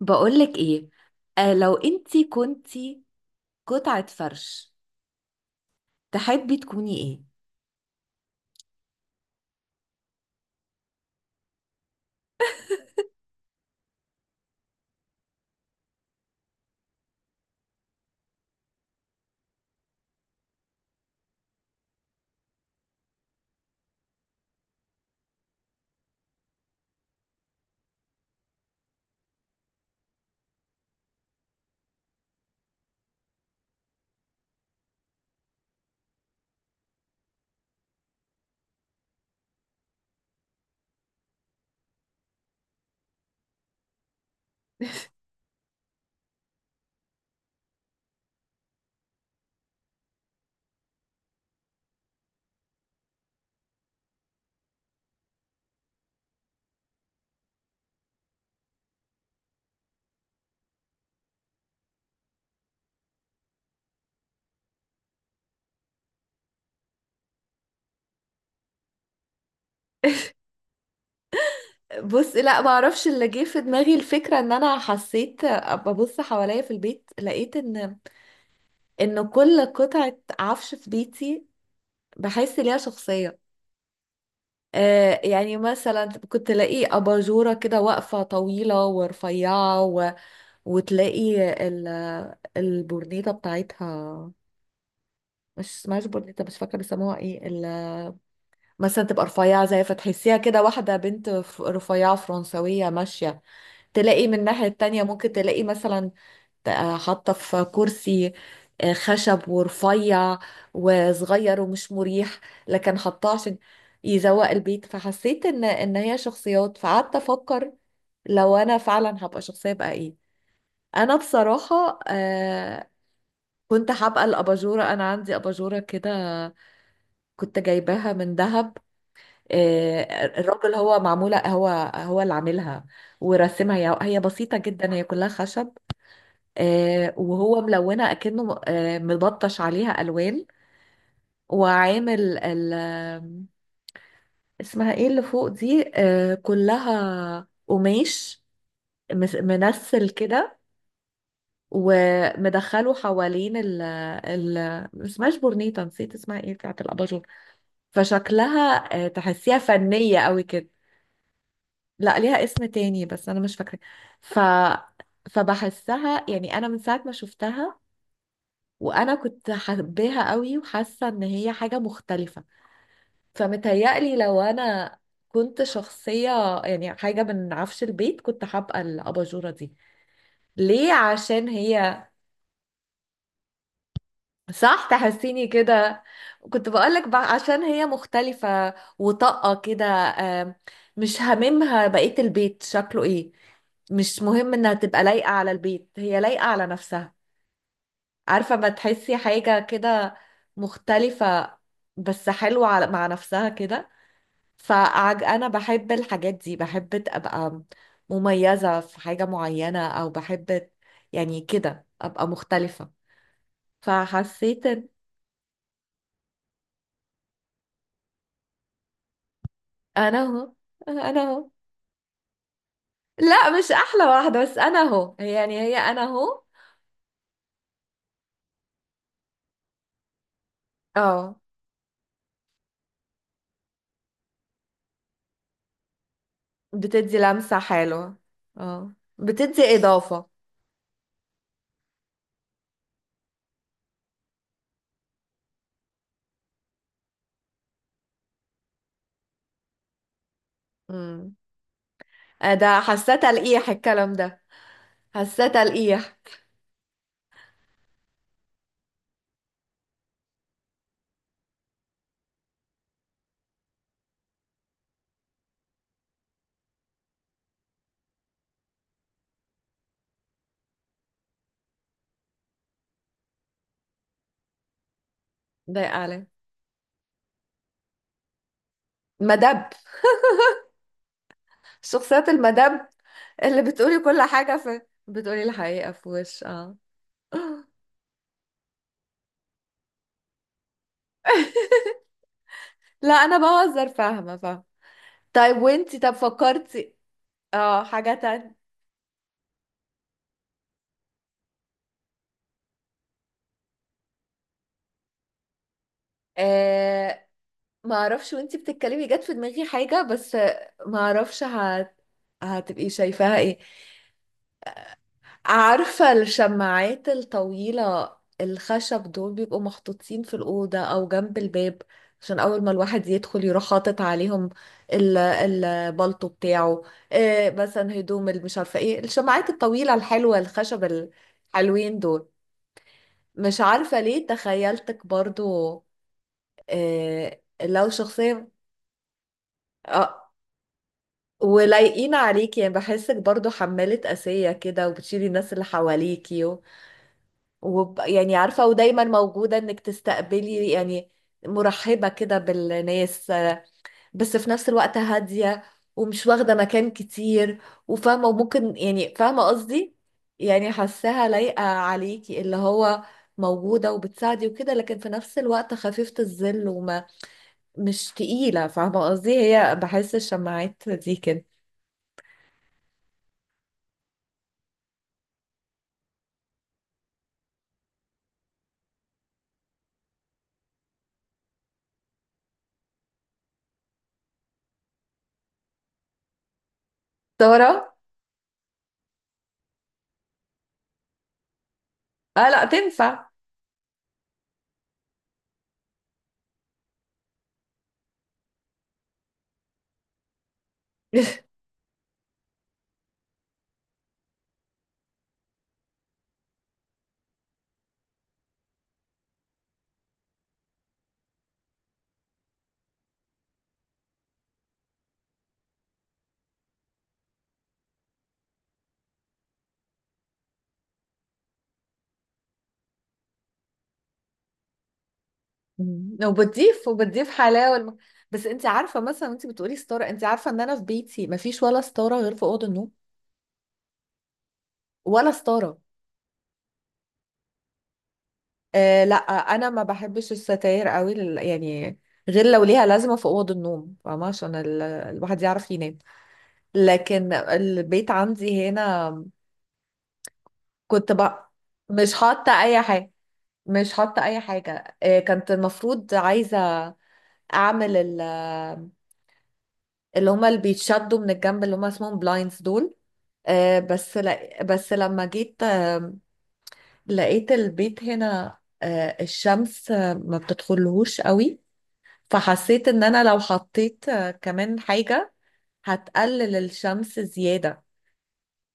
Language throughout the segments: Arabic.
بقولك ايه؟ لو انتي كنتي قطعة فرش، تحبي تكوني ايه؟ بص، لا، معرفش اللي جه في دماغي. الفكرة ان انا حسيت، ببص حواليا في البيت، لقيت ان كل قطعة عفش في بيتي بحس ليها شخصية. يعني مثلا كنت تلاقي أباجورة كده واقفة طويلة ورفيعة وتلاقي ال... البورنيطة بتاعتها، مش اسمهاش بورنيطة، مش فاكرة بيسموها ايه. مثلا تبقى رفيعة، زي فتحسيها كده واحدة بنت رفيعة فرنسوية ماشية. تلاقي من الناحية التانية ممكن تلاقي مثلا حاطة في كرسي خشب ورفيع وصغير ومش مريح، لكن حطاه عشان يزوق البيت. فحسيت ان هي شخصيات، فقعدت افكر لو انا فعلا هبقى شخصية بقى ايه. انا بصراحة كنت هبقى الاباجورة. انا عندي اباجورة كده كنت جايباها من دهب. آه، الراجل هو معمولة، هو اللي عاملها ورسمها. هي بسيطة جدا، هي كلها خشب، وهو ملونة أكنه مبطش عليها ألوان. وعامل اسمها ايه اللي فوق دي، كلها قماش، منسل كده، ومدخله حوالين ال ال ما اسمهاش بورنيطة، نسيت اسمها ايه بتاعت الأباجور. فشكلها، تحسيها فنية قوي كده. لا، ليها اسم تاني بس انا مش فاكره. ف فبحسها يعني، انا من ساعه ما شفتها، وانا كنت حباها قوي وحاسه ان هي حاجه مختلفه. فمتهيألي لو انا كنت شخصيه، يعني حاجه من عفش البيت، كنت هبقى الاباجوره دي. ليه؟ عشان هي، صح، تحسيني كده. كنت بقولك بقى عشان هي مختلفة وطاقة كده، مش هاممها بقية البيت شكله ايه. مش مهم انها تبقى لايقة على البيت، هي لايقة على نفسها. عارفة، ما تحسي حاجة كده مختلفة بس حلوة مع نفسها كده. فأنا بحب الحاجات دي، بحب أبقى مميزة في حاجة معينة، أو بحب يعني كده أبقى مختلفة. فحسيت. انا اهو، انا اهو. لا، مش احلى واحده، بس انا اهو، هي يعني هي، انا اهو. اه، بتدي لمسه حلوه. اه، بتدي اضافه. امم ده حاساه تلقيح الكلام ده، حاساه تلقيح. ده علي مدب، شخصيات المدب، اللي بتقولي كل حاجه في، بتقولي الحقيقه في وش. اه. لا، انا بهزر، فاهمه فاهمه. طيب، وانتي طب فكرتي اه حاجه تانية؟ آه ما اعرفش، وانتي بتتكلمي جت في دماغي حاجة، بس ما اعرفش هتبقي شايفاها ايه. عارفة الشماعات الطويلة الخشب دول بيبقوا محطوطين في الأوضة أو جنب الباب، عشان أول ما الواحد يدخل يروح حاطط عليهم البلطو بتاعه، إيه مثلا هدوم، اللي مش عارفة ايه، الشماعات الطويلة الحلوة الخشب الحلوين دول. مش عارفة ليه تخيلتك برضو إيه لو شخصية. ولايقين عليكي، يعني بحسك برضو حمالة قاسية كده، وبتشيلي الناس اللي حواليكي يعني عارفة، ودايما موجودة انك تستقبلي يعني، مرحبة كده بالناس، بس في نفس الوقت هادية، ومش واخدة مكان كتير، وفاهمة، وممكن، يعني فاهمة قصدي، يعني حاساها لايقة عليكي، اللي هو موجودة وبتساعدي وكده، لكن في نفس الوقت خفيفة الظل، مش تقيلة، فاهمة قصدي. هي بحس الشماعات دي كده. ترى. اه، لا تنفع. مم. وبتضيف حلاوه بس انت عارفه مثلا، انت بتقولي ستاره، انت عارفه ان انا في بيتي مفيش ولا ستاره غير في اوضه النوم، ولا ستاره. لا، انا ما بحبش الستاير قوي يعني، غير لو ليها لازمه في اوضه النوم، فاهمه، عشان الواحد يعرف ينام. لكن البيت عندي هنا، كنت بقى مش حاطه اي حاجه، مش حاطه اي حاجه. كنت المفروض عايزه اعمل اللي هما اللي بيتشدوا من الجنب، اللي هما اسمهم بلايندز دول. بس لا، بس لما جيت لقيت البيت هنا، الشمس ما بتدخلهوش قوي، فحسيت ان انا لو حطيت كمان حاجة هتقلل الشمس زيادة،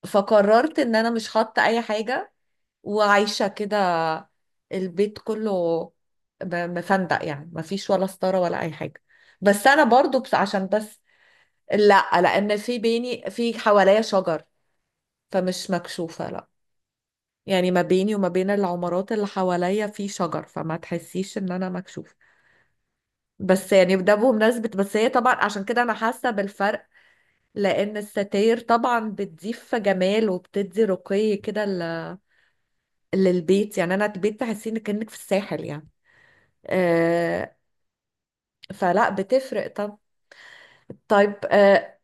فقررت ان انا مش حاطة اي حاجة، وعايشة كده البيت كله مفندق، يعني مفيش ولا ستارة ولا اي حاجة. بس انا برضو، بس عشان بس، لا، لان في بيني، في حواليا شجر، فمش مكشوفة، لا. يعني ما بيني وما بين العمارات اللي حواليا في شجر، فما تحسيش ان انا مكشوفة. بس يعني ده بمناسبة، بس هي طبعا عشان كده انا حاسة بالفرق، لان الستاير طبعا بتضيف جمال، وبتدي رقي كده للبيت، يعني انا البيت تحسي انك كأنك في الساحل يعني. آه فلا بتفرق. طب، طيب.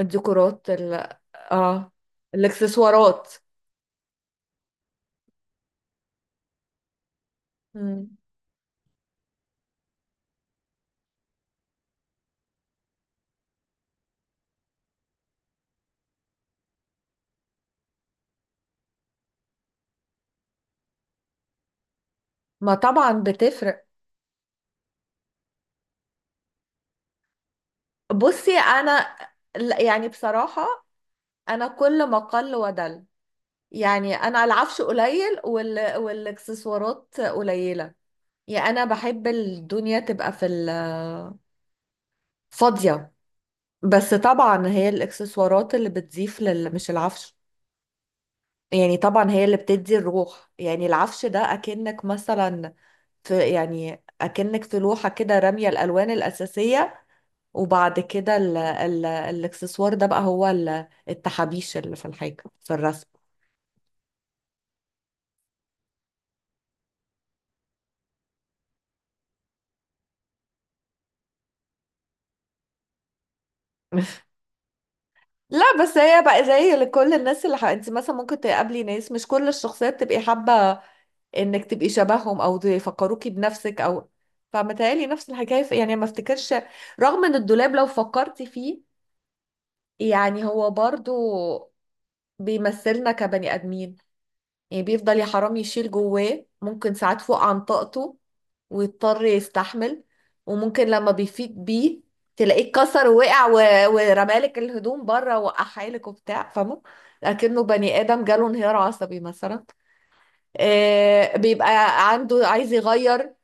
الديكورات اه، الاكسسوارات. مم. ما طبعا بتفرق. بصي انا، لا، يعني بصراحة انا كل ما قل ودل. يعني انا العفش قليل، والاكسسوارات قليلة، يعني انا بحب الدنيا تبقى في فاضية. بس طبعا هي الاكسسوارات اللي بتضيف مش العفش، يعني طبعا هي اللي بتدي الروح، يعني العفش ده اكنك مثلا في، يعني اكنك في لوحة كده رامية الالوان الاساسية، وبعد كده ال ال الاكسسوار ده بقى هو التحابيش اللي في الحاجة، في الرسم. لا، بس هي بقى زي لكل الناس اللي انت مثلا ممكن تقابلي ناس، مش كل الشخصيات تبقي حابة انك تبقي شبههم، او يفكروكي بنفسك او. فمتهيألي نفس الحكاية يعني ما افتكرش، رغم ان الدولاب لو فكرتي فيه، يعني هو برضو بيمثلنا كبني ادمين، يعني بيفضل يا حرام يشيل جواه ممكن ساعات فوق عن طاقته، ويضطر يستحمل. وممكن لما بيفيد بيه تلاقيه اتكسر ووقع ورمالك الهدوم بره وقحالك وبتاع، فاهمه. لكنه بني ادم جاله انهيار عصبي مثلا. بيبقى عنده عايز يغير،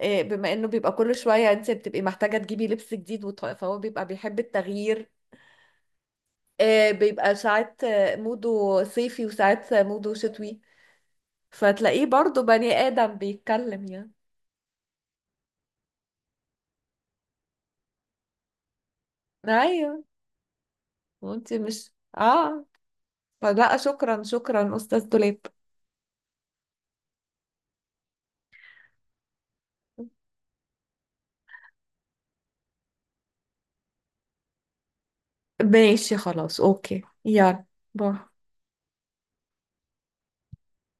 بما انه بيبقى كل شويه انت بتبقي محتاجه تجيبي لبس جديد، فهو بيبقى بيحب التغيير. بيبقى ساعات موده صيفي، وساعات موده شتوي، فتلاقيه برضو بني ادم بيتكلم يعني. ايوه، وانت مش. اه. فلا، شكرا شكرا أستاذ دولاب. ماشي، خلاص، أوكي، يلا، باي.